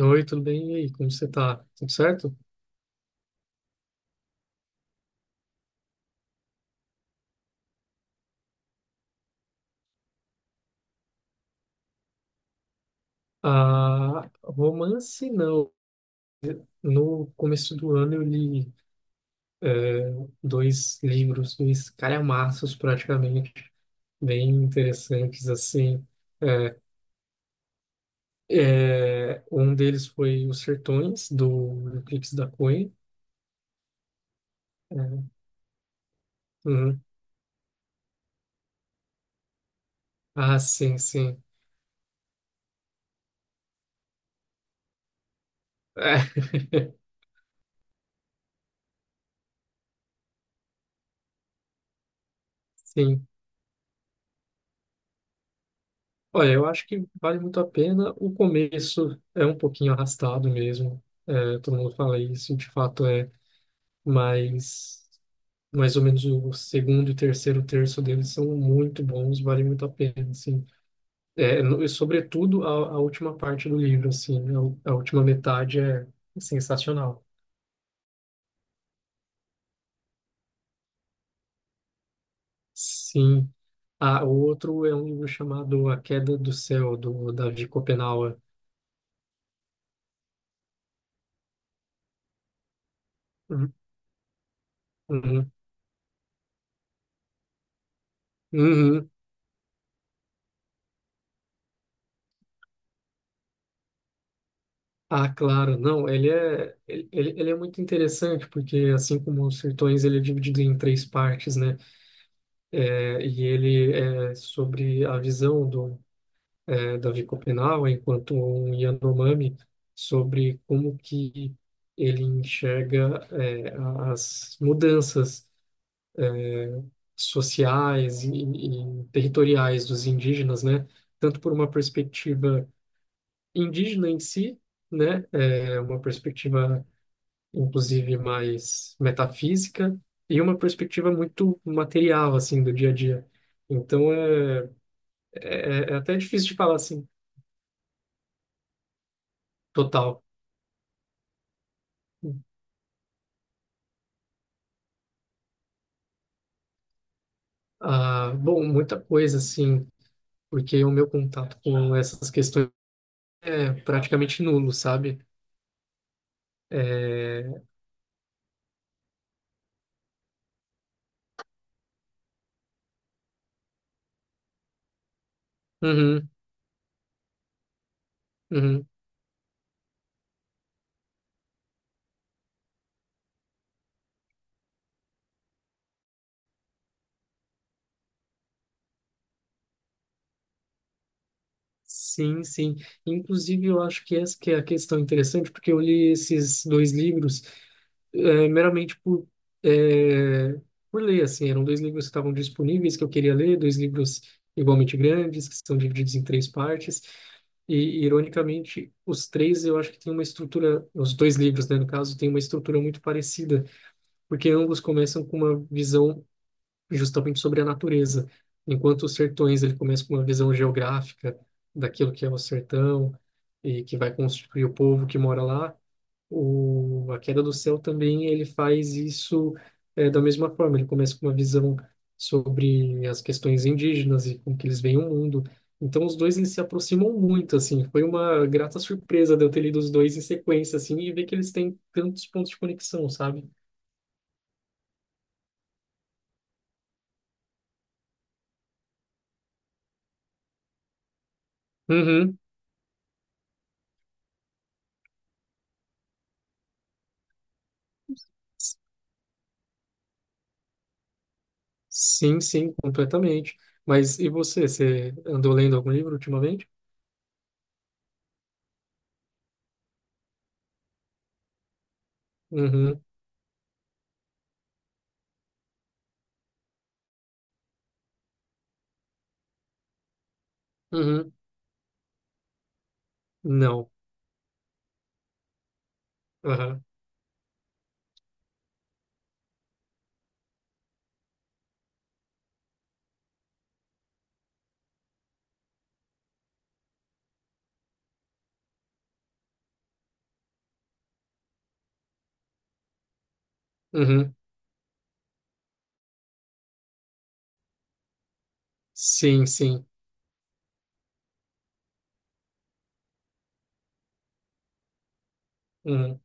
Oi, tudo bem? E aí, como você tá? Tudo certo? Ah, romance não. No começo do ano eu li eh, dois livros, dois calhamaços praticamente, bem interessantes assim. Um deles foi Os Sertões, do Euclides da Cunha. Eh, uhum. Ah, sim, sim. Sim. Olha, eu acho que vale muito a pena. O começo é um pouquinho arrastado mesmo. É, todo mundo fala isso, de fato é, mas mais ou menos o segundo e terceiro terço deles são muito bons, vale muito a pena, assim. É, e sobretudo a última parte do livro, assim, a última metade é sensacional. Sim. Ah, o outro é um livro chamado A Queda do Céu, do Davi Kopenawa. Uhum. Uhum. Ah, claro, não, ele é muito interessante, porque assim como os Sertões, ele é dividido em três partes, né? É, e ele é sobre a visão do Davi Copenau, enquanto um Yanomami, sobre como que ele enxerga as mudanças sociais e territoriais dos indígenas, né? Tanto por uma perspectiva indígena em si, né? É, uma perspectiva inclusive mais metafísica, e uma perspectiva muito material, assim, do dia a dia. Então, até difícil de falar, assim, total. Ah, bom, muita coisa, assim, porque o meu contato com essas questões é praticamente nulo, sabe? É, uhum, uhum. Sim, sim. Inclusive, eu acho que essa que é a questão interessante, porque eu li esses dois livros meramente é, por ler, assim, eram dois livros que estavam disponíveis que eu queria ler, dois livros igualmente grandes, que são divididos em três partes, e, ironicamente, os três eu acho que têm uma estrutura, os dois livros, né, no caso, têm uma estrutura muito parecida, porque ambos começam com uma visão justamente sobre a natureza, enquanto os Sertões, ele começa com uma visão geográfica daquilo que é o sertão, e que vai constituir o povo que mora lá, a Queda do Céu também ele faz isso, da mesma forma. Ele começa com uma visão sobre as questões indígenas e como que eles veem o mundo. Então os dois eles se aproximam muito assim. Foi uma grata surpresa de eu ter lido os dois em sequência assim e ver que eles têm tantos pontos de conexão, sabe? Uhum. S- Sim, sim, completamente. Mas e você? Você andou lendo algum livro ultimamente? Uhum. Uhum. Não. Aham. Uhum. Sim, sim. Uhum.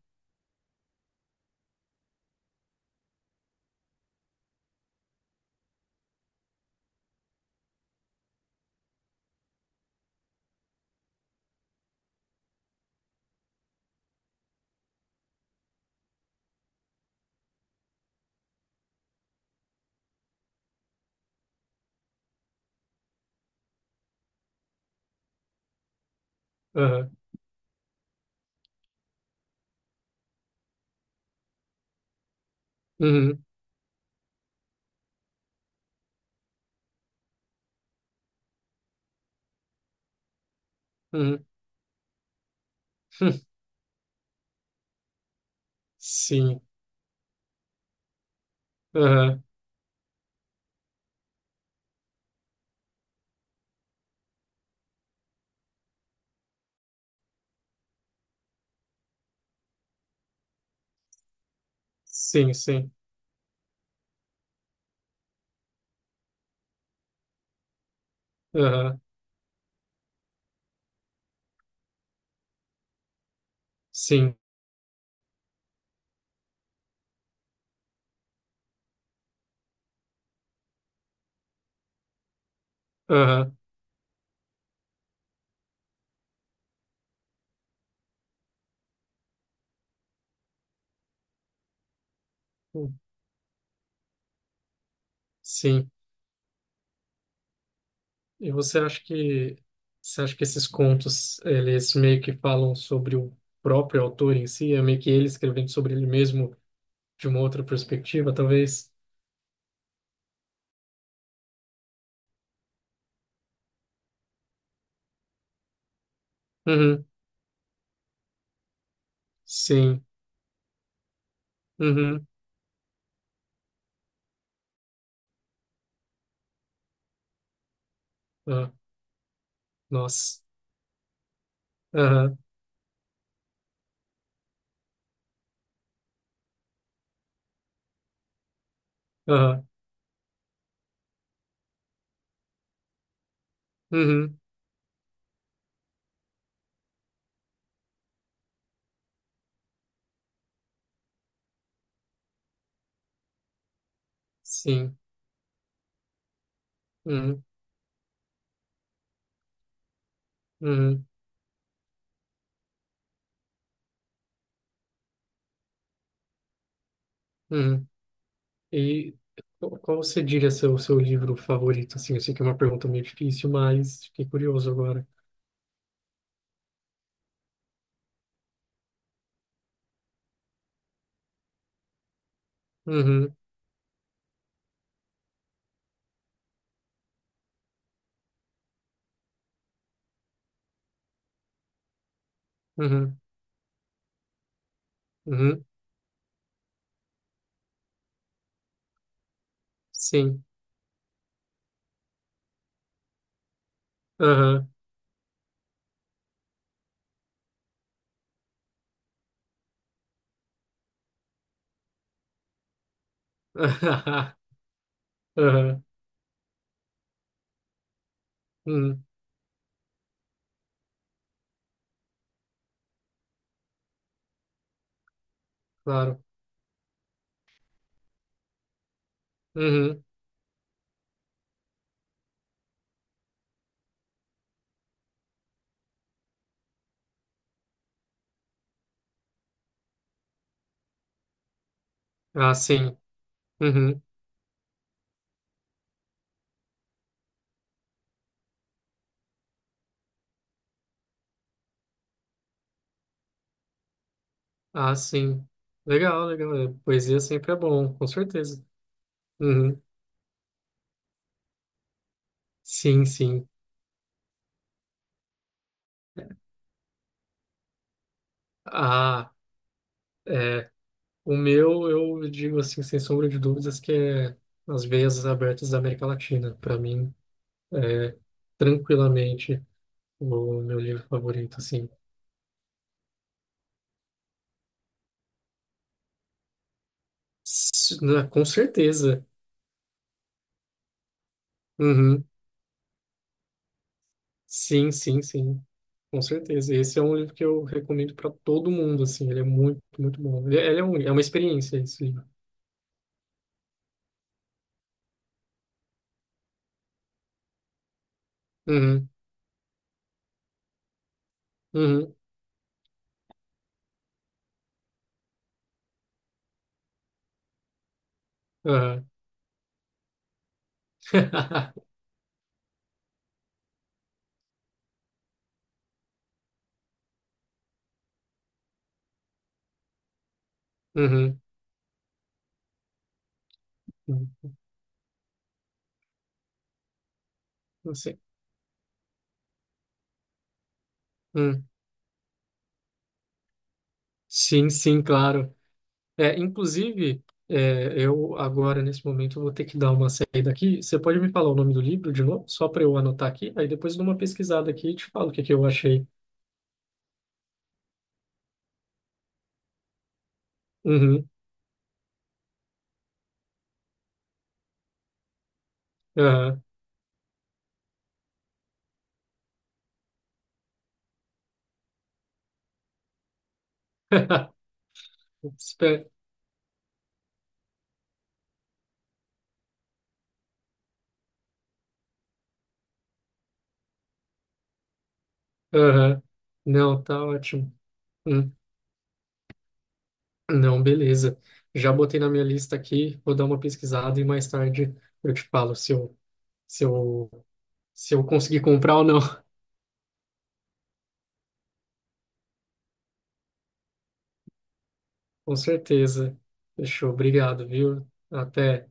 Aham. Uhum. Uhum. Hum, sim, aham, sim, sim, aham, sim, aham, sim. E você acha que esses contos eles meio que falam sobre o próprio autor em si, é meio que ele escrevendo sobre ele mesmo de uma outra perspectiva, talvez? Uhum, sim, uhum, ah, nossa, aham, aham, uhum, sim, uhum, uhum, uhum. E qual você diria ser o seu livro favorito? Assim, eu sei que é uma pergunta meio difícil, mas fiquei curioso agora. Uhum, uhum, uhum, sim. Aham, aham, uhum, claro. Uhum, ah, sim. Uhum, ah, sim. Legal, legal. Poesia sempre é bom, com certeza. Uhum, sim, sim. Ah, é. O meu, eu digo assim, sem sombra de dúvidas, que é As Veias Abertas da América Latina. Para mim, é tranquilamente o meu livro favorito, assim. Com certeza. Uhum. Sim, sim, sim. Com certeza. Esse é um livro que eu recomendo para todo mundo, assim. Ele é muito, muito bom. É uma experiência, esse livro. Uhum. Uhum. Aham. Uhum. Uhum. Não sei. Hum. Sim, sim, claro. Inclusive, eu agora, nesse momento, vou ter que dar uma saída aqui. Você pode me falar o nome do livro de novo, só para eu anotar aqui? Aí depois eu dou uma pesquisada aqui e te falo o que que eu achei. Uhum, aham. Espera. Aham. Não, tá ótimo. Hum, Não, beleza. Já botei na minha lista aqui, vou dar uma pesquisada e mais tarde eu te falo se eu, se eu conseguir comprar ou não. Com certeza. Fechou, obrigado, viu? Até.